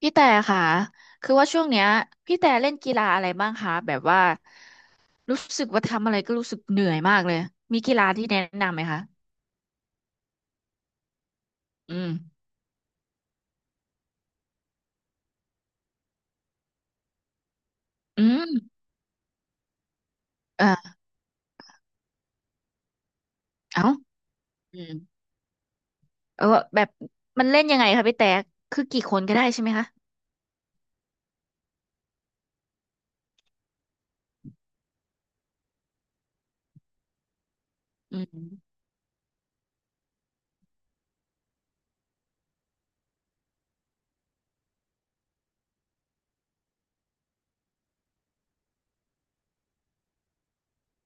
พี่แต่ค่ะ คือว่าช่วงเนี้ยพี่แต่เล่นกีฬาอะไรบ้างคะแบบว่ารู้สึกว่าทำอะไรก็รู้สึกเหนื่อยมากเลย มีกีฬาที่แนะนำไหมคะอืมอืมเออเอ้าอืมเออแบบมันเล่นยังไงคะพี่แต่ คือกี่คนก็ได้ใช่ไหมคะอืม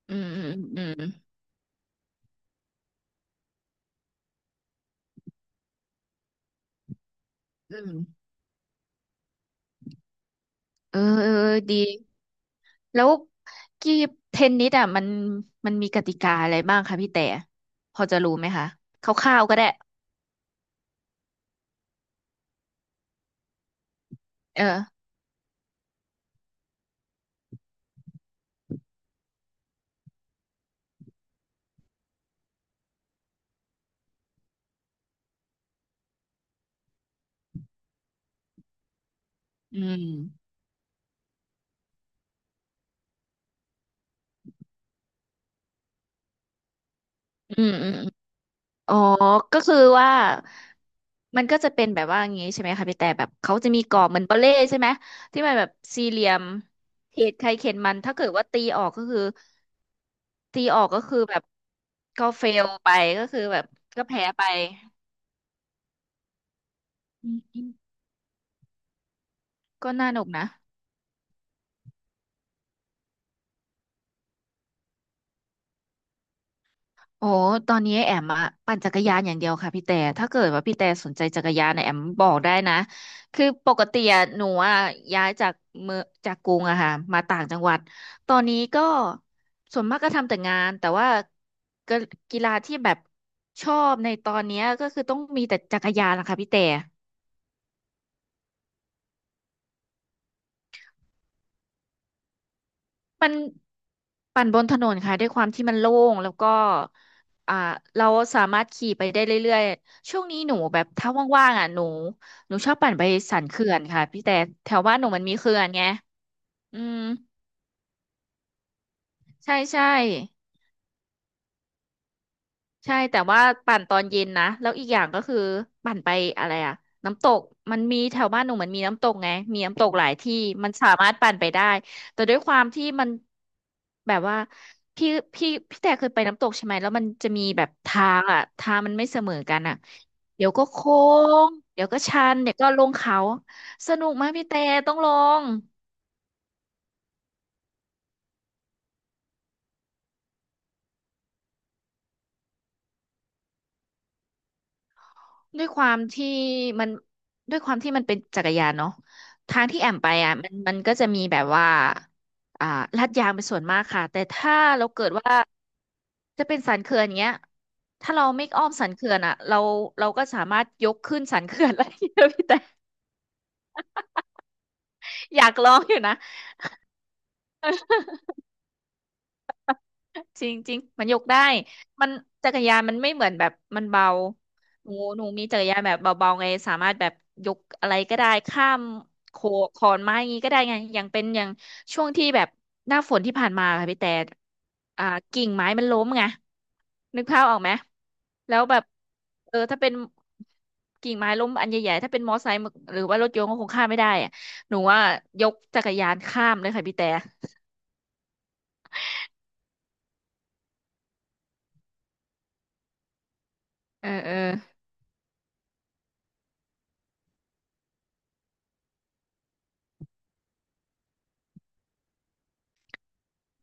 อืมอืมอืมอืมเออเออเออดี แล้วกีเทนนิสอ่ะมันมีกติกาอะไรบ้างคะพี่แต่ พอจะรู้ไหมคะคร่าวๆก็ได้ เออ อืม อืมอืม อ๋อ ก็คือว่ามันก็จะเป็นแบบว่าอย่างงี้ใช่ไหมคะพี่แต่แบบเขาจะมีกรอบเหมือนปาเล่ใช่ไหม ที่มันแบบสี่เหลี่ยมเขตใครเขตมัน ถ้าเกิดว่าตีออกก็คือตีออกก็คือแบบก็เฟลไปก็คือแบบก็แพ้ไปอืมก็น่าหนุกนะ โอ้ตอนนี้แอมอะปั่นจักรยานอย่างเดียวค่ะพี่แต่ถ้าเกิดว่าพี่แต่สนใจจักรยานเนี่ยแอมบอกได้นะคือปกติอะหนูอะย้ายจากเมืองจากกรุงอะค่ะมาต่างจังหวัดตอนนี้ก็ส่วนมากก็ทำแต่งานแต่ว่าก็กีฬาที่แบบชอบในตอนเนี้ยก็คือต้องมีแต่จักรยานนะคะพี่แต่ มันปั่นบนถนนค่ะด้วยความที่มันโล่งแล้วก็อ่าเราสามารถขี่ไปได้เรื่อยๆช่วงนี้หนูแบบถ้าว่างๆอ่ะหนูชอบปั่นไปสันเขื่อนค่ะพี่แต่แถวบ้านหนูมันมีเขื่อนไงอืมใช่ใช่ ใช่แต่ว่าปั่นตอนเย็นนะแล้วอีกอย่างก็คือปั่นไปอะไรอะน้ำตกมันมีแถวบ้านหนูเหมันมีน้ำตกไงมีน้ำตกหลายที่มันสามารถปั่นไปได้แต่ด้วยความที่มันแบบว่าพี่พี่แต่เคยไปน้ำตกใช่ไหมแล้วมันจะมีแบบทางอะทางมันไม่เสมอกันอะเดี๋ยวก็โค้งเดี๋ยวก็ชันเดี๋ยวก็ลงเขาสนุกมากพี่แต่ต้องลอง ด้วยความที่มันด้วยความที่มันเป็นจักรยานเนาะทางที่แอมไปอ่ะมันก็จะมีแบบว่าอ่าลาดยางเป็นส่วนมากค่ะแต่ถ้าเราเกิดว่าจะเป็นสันเขื่อนเงี้ยถ้าเราไม่อ้อมสันเขื่อนอ่ะเราก็สามารถยกขึ้นสันเขื่อนได้เย อะพี่แต่อยากลองอยู่นะ จริงจริงมันยกได้มันจักรยานมันไม่เหมือนแบบมันเบาหนูหนูมีจักรยานแบบเบาๆไงสามารถแบบยกอะไรก็ได้ข้ามโขขอนไม้อย่างงี้ก็ได้ไงอย่างเป็นอย่างช่วงที่แบบหน้าฝนที่ผ่านมาค่ะพี่แต่ อ่ากิ่งไม้มันล้มไงนึกภาพออกไหมแล้วแบบเออถ้าเป็นกิ่งไม้ล้มอันใหญ่ๆถ้าเป็นมอไซค์หรือว่ารถยนต์ก็คงข้ามไม่ได้อะหนูว่ายกจักรยานข้ามเลยค่ะพี่แต่เออเออ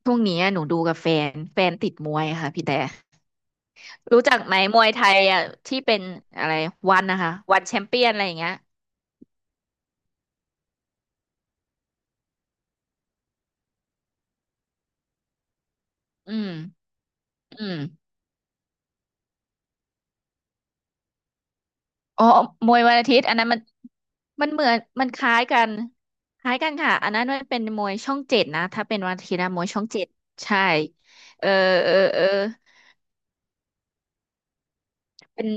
ช่วงนี้อะหนูดูกับแฟนติดมวยค่ะพี่แต่รู้จักไหมมวยไทยอ่ะที่เป็นอะไรวันนะคะวันแชมเปี้ยนอะไรอย่างเงี้ยอืมอืมอ๋อมวยวันอาทิตย์อันนั้นมันมันเหมือนมันคล้ายกันคล้ายกันค่ะอันนั้นมันเป็นมวยช่องเจ็ดนะถ้าเป็นวันอาทิตย์นะมวยช่องเจ็ดใช่เออเออเออเป็น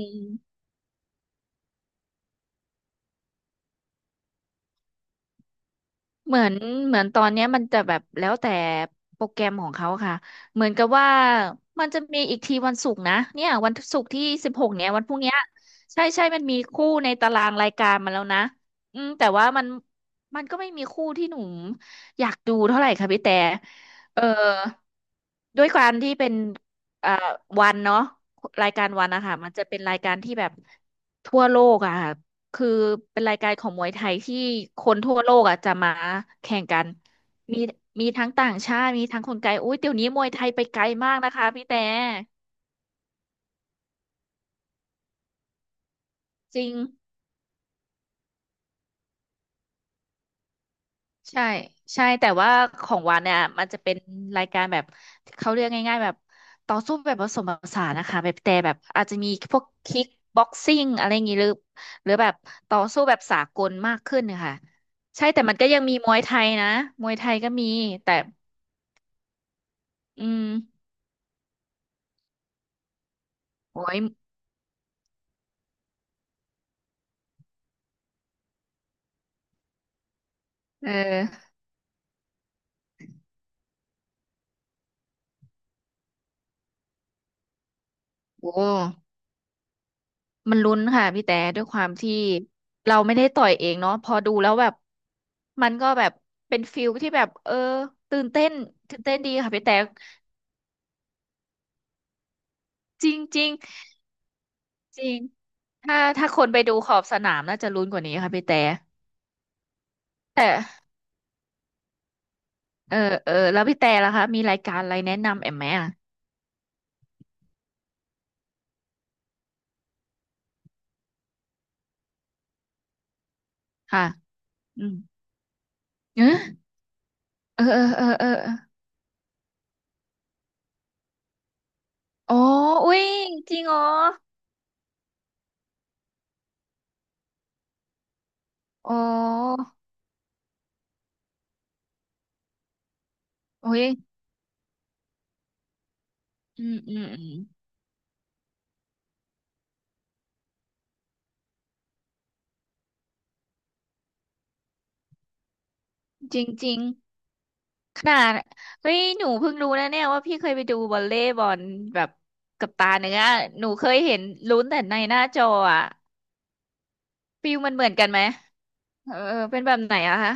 เหมือนเหมือนตอนเนี้ยมันจะแบบแล้วแต่โปรแกรมของเขาค่ะเหมือนกับว่ามันจะมีอีกทีวันศุกร์นะเนี่ยวันศุกร์ที่16เนี้ยวันพรุ่งเนี้ยใช่ใช่มันมีคู่ในตารางรายการมาแล้วนะอืมแต่ว่ามันก็ไม่มีคู่ที่หนูอยากดูเท่าไหร่ค่ะพี่แต่เออด้วยความที่เป็นเอ่อวันเนาะรายการวันนะคะมันจะเป็นรายการที่แบบทั่วโลกอะค่ะ คือเป็นรายการของมวยไทยที่คนทั่วโลกอ่ะจะมาแข่งกันมีมีทั้งต่างชาติมีทั้งคนไกลอุ้ยเดี๋ยวนี้มวยไทยไปไกลมากนะคะพี่แต่จริงใช่ใช่แต่ว่าของวันเนี่ยมันจะเป็นรายการแบบเขาเรียกง่ายๆแบบต่อสู้แบบผสมผสานนะคะแบบแต่แบบอาจจะมีพวกคิกบ็อกซิ่งอะไรอย่างงี้หรือหรือแบบต่อสู้แบบสากลมากขึ้นนะคะใช่แต่มันก็ยังมีมวยไทยนะมวยไทยก็มีแต่อืมโอ้ย เออโอ้มันลุ้นค่ะพี่แต่ด้วยความที่เราไม่ได้ต่อยเองเนาะพอดูแล้วแบบมันก็แบบเป็นฟิลที่แบบเออตื่นเต้นตื่นเต้นดีค่ะพี่แต่จริงจริงจริงถ้าถ้าคนไปดูขอบสนามน่าจะลุ้นกว่านี้ค่ะพี่แต่แต่เออเออแล้วพี่แต่ล่ะคะมีรายการอะไรแนะนำแอมไหมอ่ะค่ะอืมเออเออเออเออเอออ๋ออุ้ยจริงอ๋ออ๋ออุ้ยอืมอืมอืมจริงจริง ขนาดเฮ้ยหนูเพิ่งรู้นะเนี่ยว่าพี่เคยไปดูวอลเลย์บอลแบบกับตาเนื้อหนูเคยเห็นลุ้นแต่ในหน้าจออะฟิลมันเหมือนกันไหมเออเป็นแบบไหนอะคะ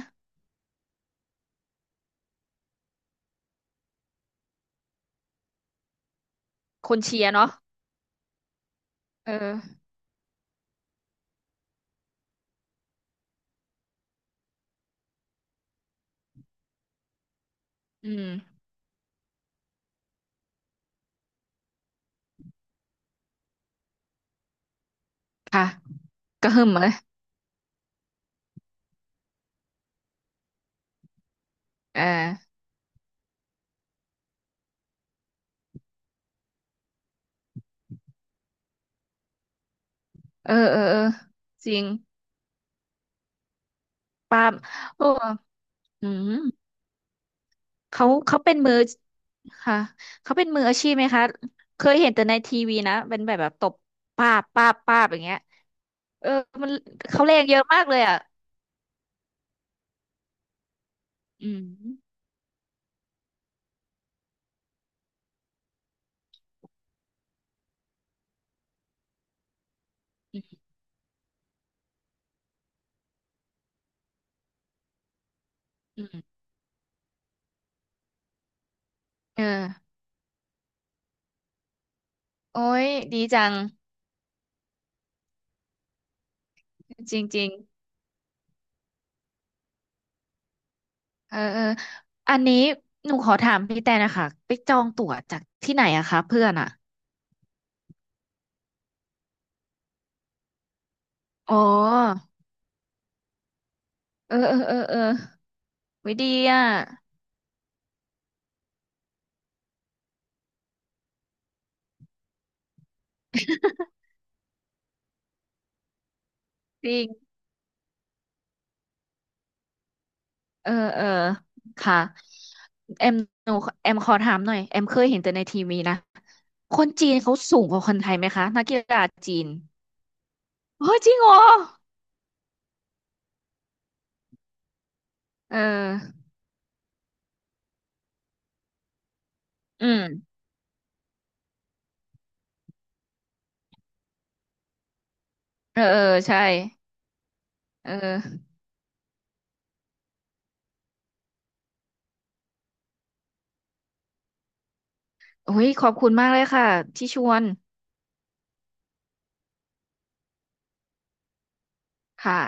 คนเชียร์เนาะเอออืมค่ะกระหึ่มเลยเออเออเออเออจริงปาล์มโอ้อืม เขาเขาเป็นมือค่ะเขาเป็นมืออาชีพไหมคะเคยเห็นแต่ในทีวีนะเป็นแบบแบบตบป้าบป้าบป้าบอย่างเงี้ยเออมันเขาแรงเยอะมากเลยอ่ะอืมอืมอืมเออโอ้ยดีจังจริงๆเออเอออันนี้หนูขอถามพี่แต่นะคะไปจองตั๋วจากที่ไหนอะคะเพื่อนอะอ๋อเออเออเออเออไว้ดีอะจริง เออเออค่ะแอมหนูแอมขอถามหน่อยแอมเคยเห็นแต่ในทีวีนะคนจีนเขาสูงกว่าคนไทยไหมคะนักกีฬาจีนเฮ้ยจริงเหรอเอออืมเออเออใช่เออโอ้ยขอบคุณมากเลยค่ะที่ชวนค่ะ